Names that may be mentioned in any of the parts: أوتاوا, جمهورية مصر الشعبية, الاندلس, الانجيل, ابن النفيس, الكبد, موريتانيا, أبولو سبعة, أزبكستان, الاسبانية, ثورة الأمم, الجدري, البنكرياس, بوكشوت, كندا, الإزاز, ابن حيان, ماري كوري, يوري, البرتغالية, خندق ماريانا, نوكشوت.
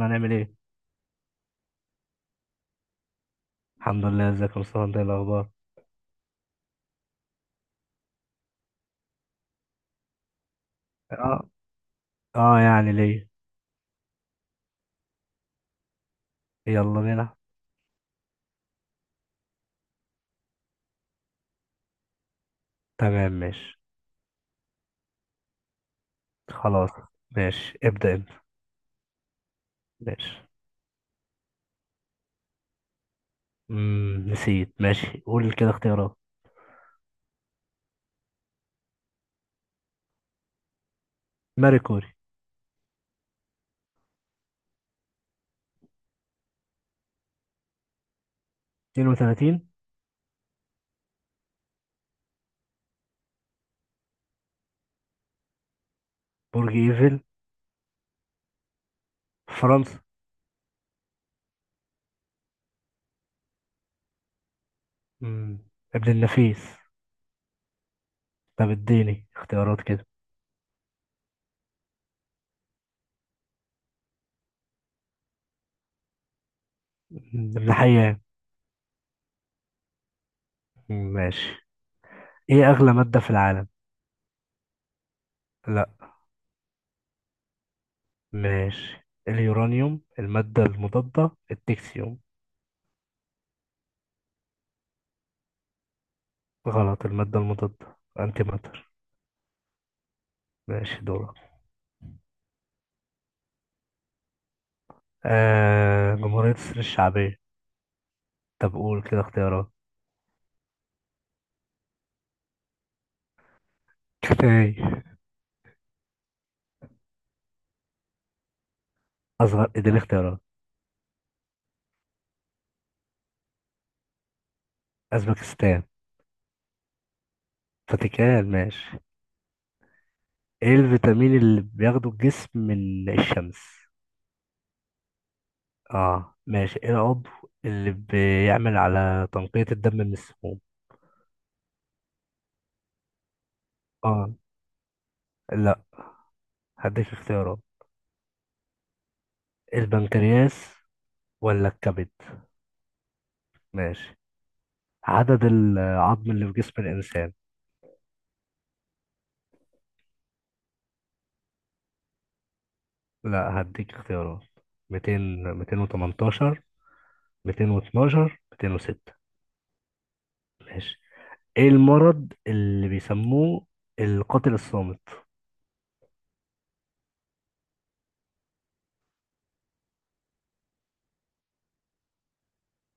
هنعمل ايه؟ الحمد لله، ازيك يا مصطفى، انت ايه الاخبار؟ اه. اه، يعني ليه؟ يلا بينا. تمام، ماشي. خلاص. ماشي، ابدأ انت. ماشي. مم. نسيت. ماشي، قول كده اختيارات. ماري كوري. 32. برج ايفل؟ فرنسا. مم. ابن النفيس. طب اديني اختيارات كده. مم. ابن حيان. مم، ماشي. ايه اغلى مادة في العالم؟ لا. ماشي. اليورانيوم، المادة المضادة، التكسيوم. غلط، المادة المضادة، انتي ماتر. ماشي دورك. جمهورية مصر الشعبية. طب قول كده اختيارات. كفاية. أصغر، اديني اختيارات. أزبكستان. فاتيكان. ماشي. ايه الفيتامين اللي بياخده الجسم من الشمس؟ اه، ماشي. ايه العضو اللي بيعمل على تنقية الدم من السموم؟ اه. لا. هديك اختيارات. البنكرياس، ولا الكبد؟ ماشي. عدد العظم اللي في جسم الإنسان؟ لا، هديك اختيارات. 200، 218، 212، 206. ماشي. ايه المرض اللي بيسموه القاتل الصامت؟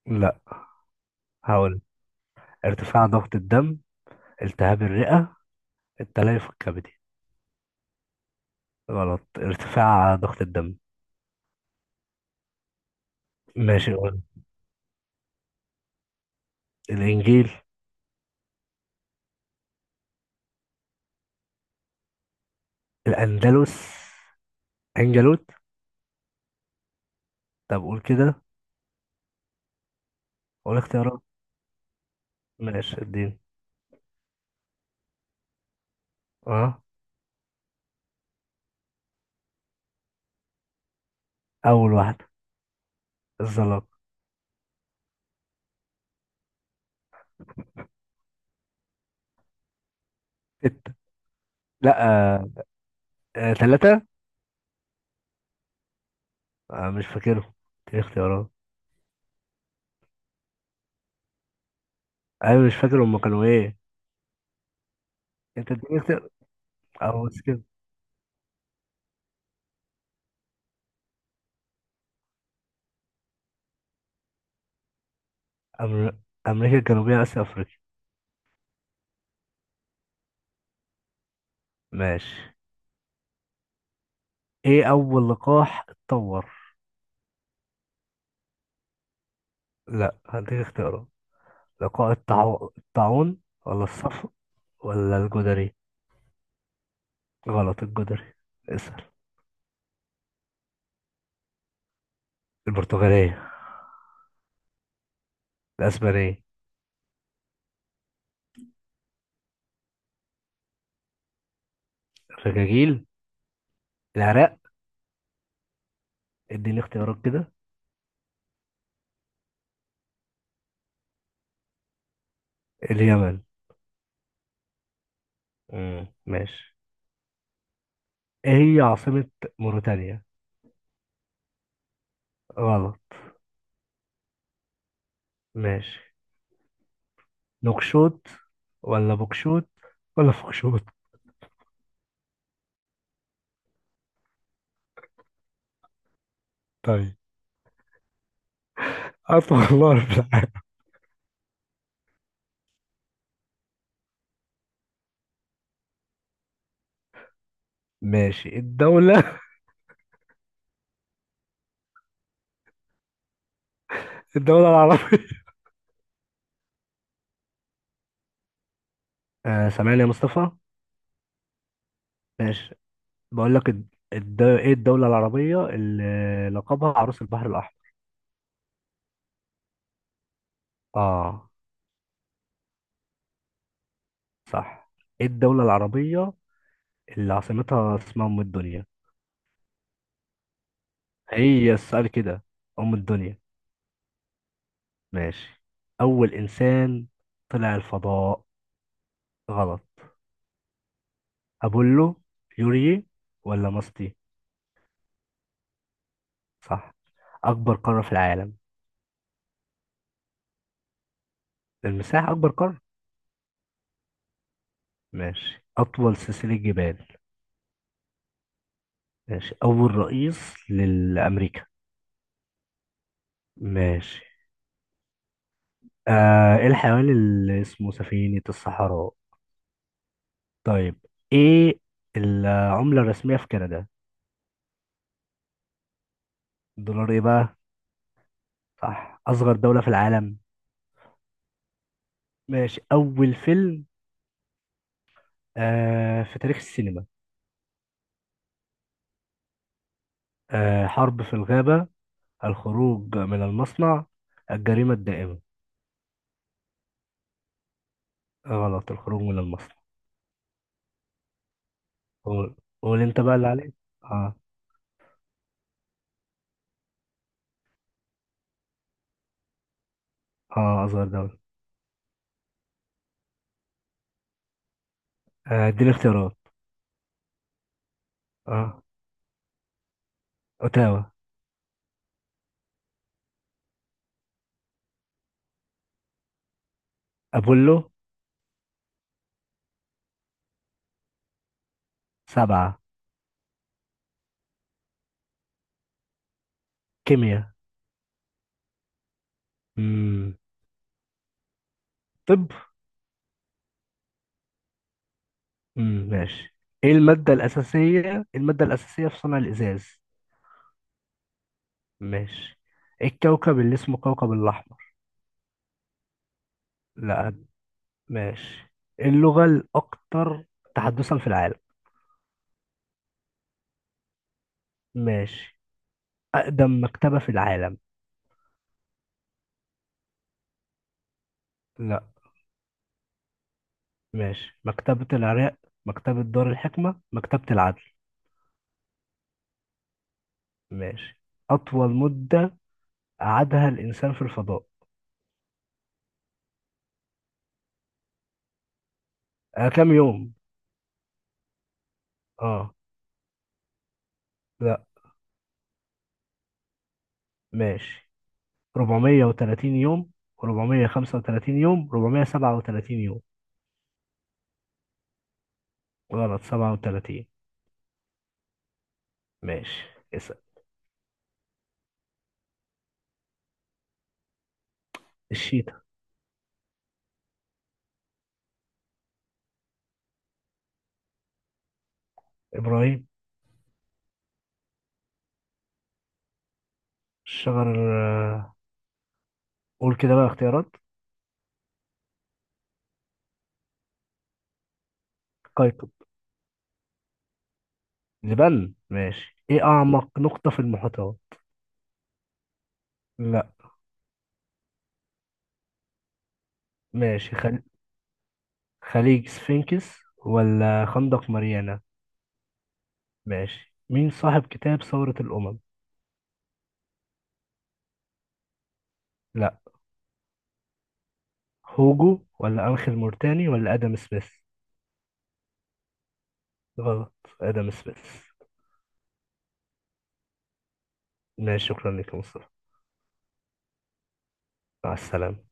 لا. هقول. ارتفاع ضغط الدم، التهاب الرئة، التليف الكبدي. غلط، ارتفاع ضغط الدم. ماشي، قول. الانجيل. الاندلس؟ انجلوت. طب قول كده. قول اختيارات. ماشي الدين. اه. اول واحدة، الزلاق. ستة. لا. آه. ثلاثة. مش فاكرهم. اديني اختيارات. انا مش فاكر هما كانوا ايه. انت اديني. او سكيب. أمر... امريكا الجنوبية، اسيا، افريقيا. ماشي. ايه اول لقاح اتطور؟ لا، هديك اختيارات. لقاح الطاعون، الطاعون، ولا الصفر، ولا الجدري. غلط، الجدري. اسأل. البرتغالية. الاسبانية. الرجاجيل؟ العراق. اديني اختيارات كده. اليمن. مم. ماشي. ايه هي عاصمة موريتانيا؟ غلط. ماشي. نوكشوت، ولا بوكشوت، ولا فوكشوت؟ طيب. عارف والله ماشي. الدولة الدولة العربية. آه، سامعني يا مصطفى؟ ماشي. بقول لك ايه الدولة العربية اللي لقبها عروس البحر الأحمر؟ اه. صح. ايه الدولة العربية اللي عاصمتها اسمها أم الدنيا؟ هي السؤال كده. أم الدنيا. ماشي. أول إنسان طلع الفضاء؟ غلط. أبولو، يوري، ولا ماستي؟ صح. أكبر قارة في العالم؟ المساحة أكبر قارة. ماشي. أطول سلسلة جبال؟ ماشي. أول رئيس لأمريكا؟ ماشي. إيه الحيوان اللي اسمه سفينة الصحراء؟ طيب. إيه العملة الرسمية في كندا؟ الدولار إيه بقى؟ صح. أصغر دولة في العالم؟ ماشي. أول فيلم في تاريخ السينما. حرب في الغابة، الخروج من المصنع، الجريمة الدائمة. غلط، الخروج من المصنع. قول. قول أنت بقى اللي عليك. آه. أصغر دولة. إديني اختيارات. آه أوتاوا. أبولو. سبعة. كيمياء. مم. طب. مم. ماشي. ايه المادة الأساسية في صنع الإزاز. ماشي. إيه الكوكب اللي اسمه كوكب الأحمر؟ لا، ماشي. إيه اللغة الأكثر تحدثا في العالم؟ ماشي. أقدم مكتبة في العالم؟ لا، ماشي. مكتبة العراق، مكتبة دار الحكمة، مكتبة العدل. ماشي. أطول مدة قعدها الإنسان في الفضاء؟ كام يوم؟ اه. لا، ماشي. 430 يوم، 435 يوم، 437 يوم. غلط، 37. ماشي، اسأل. الشيتا. إبراهيم. الشجر. آه، قول كده بقى اختيارات. قيقب. جبال. ماشي. ايه أعمق نقطة في المحيطات؟ لا، ماشي. خليج سفينكس، ولا خندق ماريانا؟ ماشي. مين صاحب كتاب ثورة الأمم؟ لا. هوجو، ولا أنخيل مورتاني، ولا آدم سميث؟ غلط، آدم سميث. ماشي، شكرا لك يا مصطفى. مع السلامة.